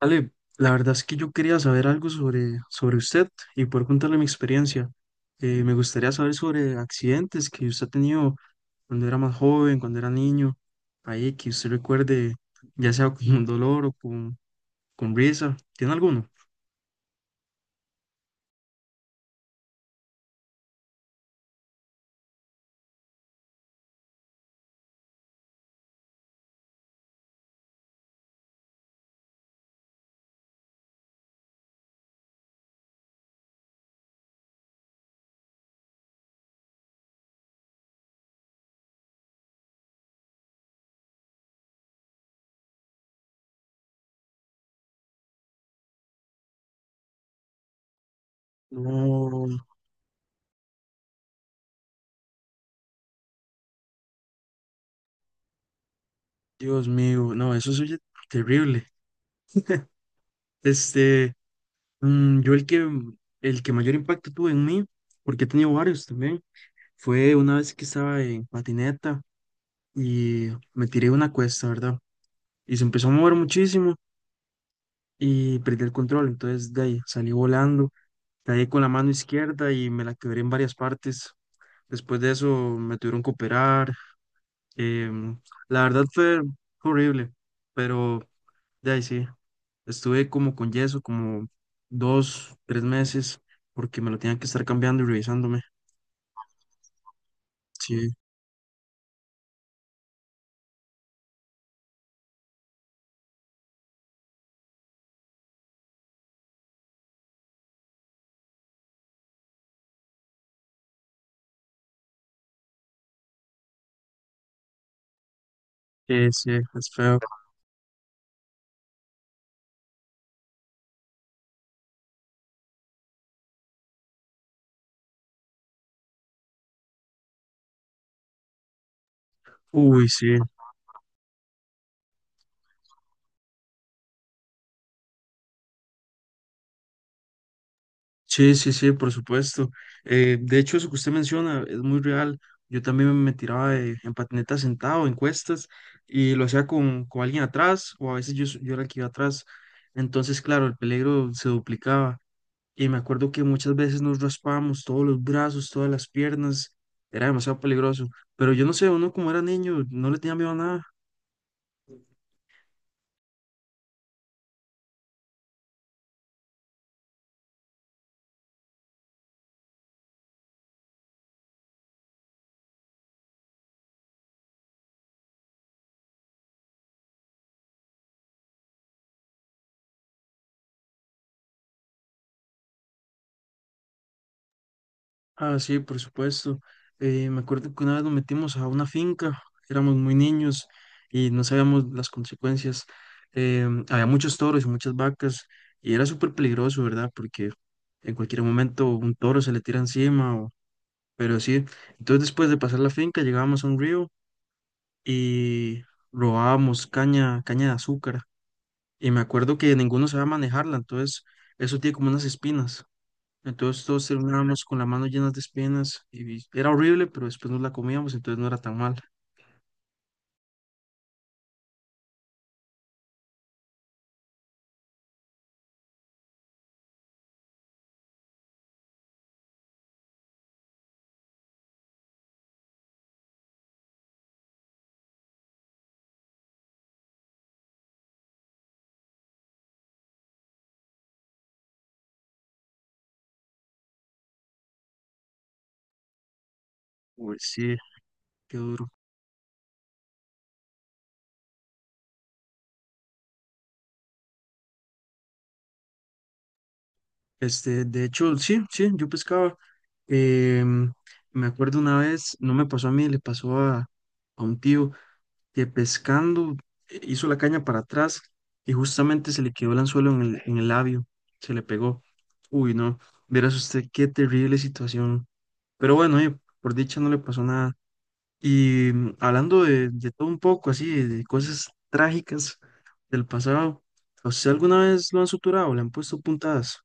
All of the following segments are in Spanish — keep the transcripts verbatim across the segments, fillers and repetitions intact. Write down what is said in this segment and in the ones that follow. Ale, la verdad es que yo quería saber algo sobre, sobre usted y poder contarle mi experiencia. Eh, me gustaría saber sobre accidentes que usted ha tenido cuando era más joven, cuando era niño, ahí que usted recuerde, ya sea con dolor o con, con risa. ¿Tiene alguno? No, Dios mío, no, eso es terrible. Este, mm, yo el que, el que mayor impacto tuvo en mí, porque he tenido varios también, fue una vez que estaba en patineta, y me tiré una cuesta, ¿verdad? Y se empezó a mover muchísimo y perdí el control, entonces de ahí salí volando, caí con la mano izquierda y me la quebré en varias partes. Después de eso me tuvieron que operar. em, la verdad fue horrible, pero de ahí sí, estuve como con yeso, como dos, tres meses, porque me lo tenían que estar cambiando y revisándome. Sí, sí, sí, es feo. Uy, sí. Sí, sí, sí, por supuesto. Eh, de hecho, eso que usted menciona es muy real. Yo también me tiraba eh, en patineta sentado, en cuestas, y lo hacía con, con alguien atrás, o a veces yo, s- yo era el que iba atrás. Entonces, claro, el peligro se duplicaba. Y me acuerdo que muchas veces nos raspábamos todos los brazos, todas las piernas. Era demasiado peligroso. Pero yo no sé, uno como era niño, no le tenía miedo a nada. Ah, sí, por supuesto. Eh, me acuerdo que una vez nos metimos a una finca, éramos muy niños y no sabíamos las consecuencias. Em, había muchos toros y muchas vacas y era súper peligroso, ¿verdad? Porque en cualquier momento un toro se le tira encima, o- pero sí. Entonces después de pasar la finca llegábamos a un río y robábamos caña, caña de azúcar. Y me acuerdo que ninguno sabía manejarla, entonces eso tiene como unas espinas. Entonces todos terminábamos con la mano llenas de espinas y era horrible, pero después nos la comíamos, entonces no era tan mal. Uy, sí, qué duro. Este, de hecho, sí, sí, yo pescaba. Em, Me acuerdo una vez, no me pasó a mí, le pasó a, a un tío que pescando eh, hizo la caña para atrás y justamente se le quedó el anzuelo en el, en el labio, se le pegó. Uy, no, verás usted qué terrible situación. Pero bueno, eh, por dicha no le pasó nada. Y mm, hablando de, de todo un poco, así, de, de cosas trágicas del pasado, ¿a ¿usted alguna vez lo han suturado, le han puesto puntadas?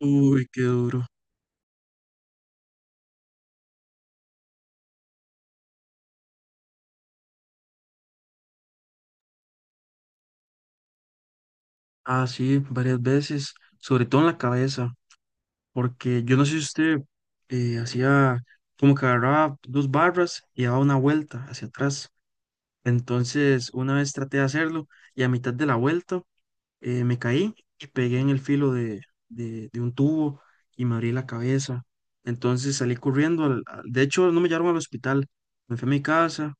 Uy, qué duro. Ah, sí, varias veces, sobre todo en la cabeza, porque yo no sé si usted eh, hacía como que agarraba dos barras y daba una vuelta hacia atrás. Entonces, una vez traté de hacerlo y a mitad de la vuelta eh, me caí y pegué en el filo de, de- de un tubo y me abrí la cabeza. Entonces salí corriendo, al- al- de hecho no me llevaron al hospital, me fui a mi casa,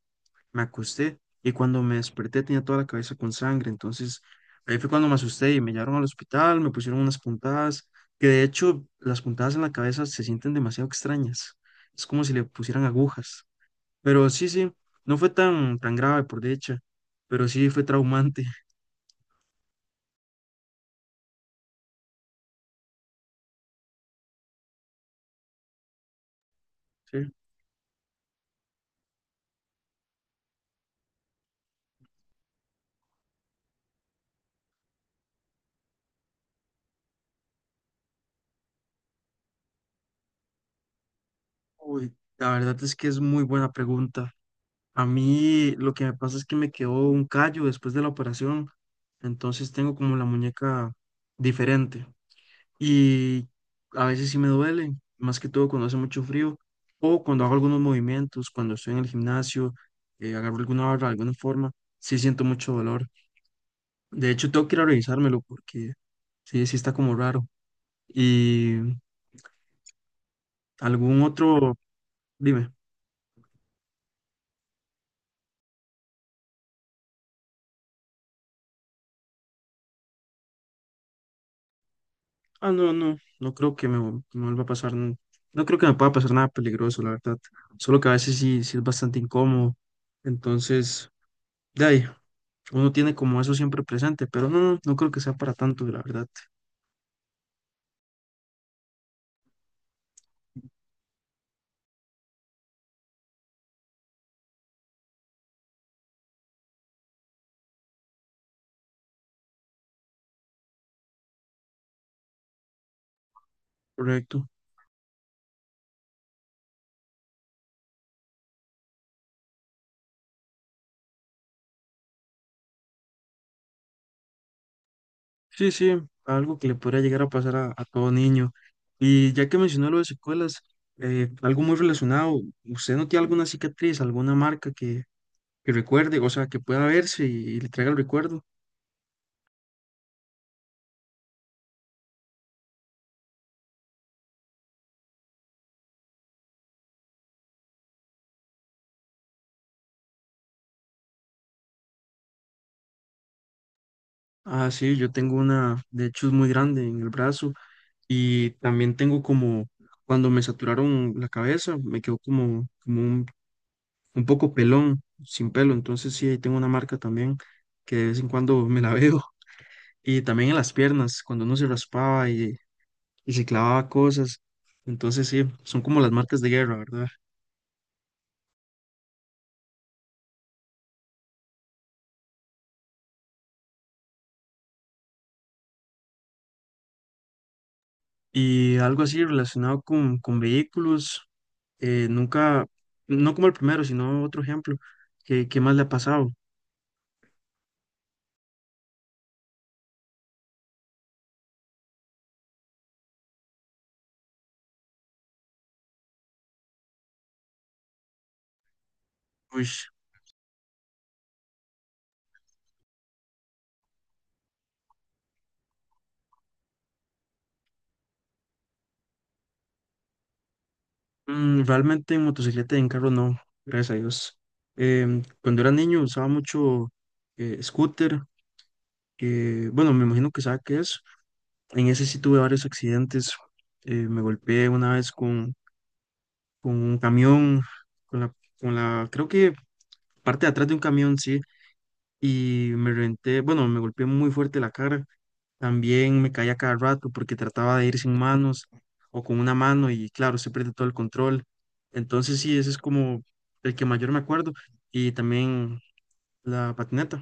me acosté y cuando me desperté tenía toda la cabeza con sangre. Entonces ahí fue cuando me asusté y me llevaron al hospital, me pusieron unas puntadas, que de hecho las puntadas en la cabeza se sienten demasiado extrañas. Es como si le pusieran agujas. Pero sí, sí, no fue tan, tan grave por dicha, pero sí fue traumante. Uy, la verdad es que es muy buena pregunta. A mí lo que me pasa es que me quedó un callo después de la operación, entonces tengo como la muñeca diferente y a veces sí me duele, más que todo cuando hace mucho frío o cuando hago algunos movimientos, cuando estoy en el gimnasio, eh, agarro alguna barra, alguna forma, sí siento mucho dolor. De hecho, tengo que ir a revisármelo porque sí, sí está como raro. ¿Y algún otro? Dime. Ah, no, no, no creo que me, vu- me vuelva a pasar, n- no, creo que me pueda pasar nada peligroso, la verdad. Solo que a veces sí, sí es bastante incómodo. Entonces, de ahí, uno tiene como eso siempre presente, pero no, no, no creo que sea para tanto, la verdad. Correcto. Sí, sí, algo que le podría llegar a pasar a, a todo niño. Y ya que mencionó lo de secuelas, eh, algo muy relacionado, ¿usted no tiene alguna cicatriz, alguna marca que, que recuerde, o sea, que pueda verse y, y le traiga el recuerdo? Ah, sí, yo tengo una, de hecho es muy grande en el brazo y también tengo como, cuando me saturaron la cabeza, me quedó como, como un, un, poco pelón, sin pelo, entonces sí, ahí tengo una marca también que de vez en cuando me la veo y también en las piernas, cuando uno se raspaba y, y se clavaba cosas, entonces sí, son como las marcas de guerra, ¿verdad? Y algo así relacionado con, con vehículos, eh, nunca, no como el primero, sino otro ejemplo, ¿qué, qué más le ha pasado? Uy. Mm, realmente en motocicleta y en carro no, gracias a Dios. Em, cuando era niño usaba mucho eh, scooter, que bueno, me imagino que sabe qué es. En ese sí tuve varios accidentes. Eh, me golpeé una vez con, con un camión, con la, con la, creo que parte de atrás de un camión, sí, y me reventé, bueno, me golpeé muy fuerte la cara. También me caía cada rato porque trataba de ir sin manos o con una mano y claro, se pierde todo el control. Entonces sí, ese es como el que mayor me acuerdo. Y también la patineta.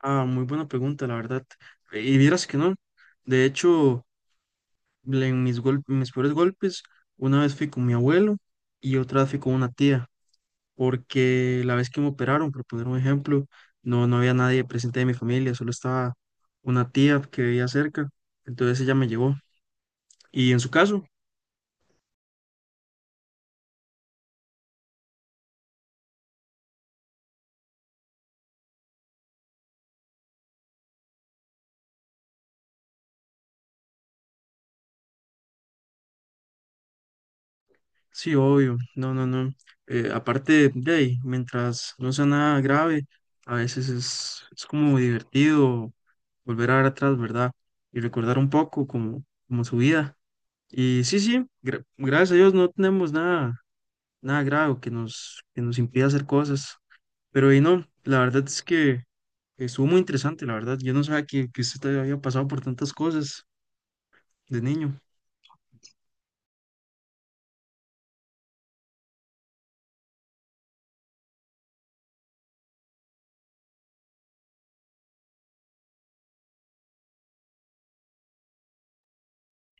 Ah, muy buena pregunta, la verdad. Y vieras que no. De hecho, le- en mis gol- mis peores golpes, una vez fui con mi abuelo y otra vez fui con una tía, porque la vez que me operaron, por poner un ejemplo, no, no había nadie presente de mi familia, solo estaba una tía que vivía cerca. Entonces ella me llevó. Y en su caso, sí, obvio, no, no, no. Eh, aparte de ahí, mientras no sea nada grave, a veces es, es como divertido volver a ver atrás, ¿verdad? Y recordar un poco como, como su vida. Y sí, sí, gra- gracias a Dios no tenemos nada, nada grave que nos, que nos impida hacer cosas. Pero y no, la verdad es que estuvo muy interesante, la verdad. Yo no sabía que, que usted había pasado por tantas cosas de niño.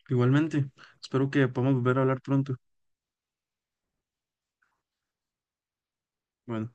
Igualmente, espero que podamos volver a hablar pronto. Bueno.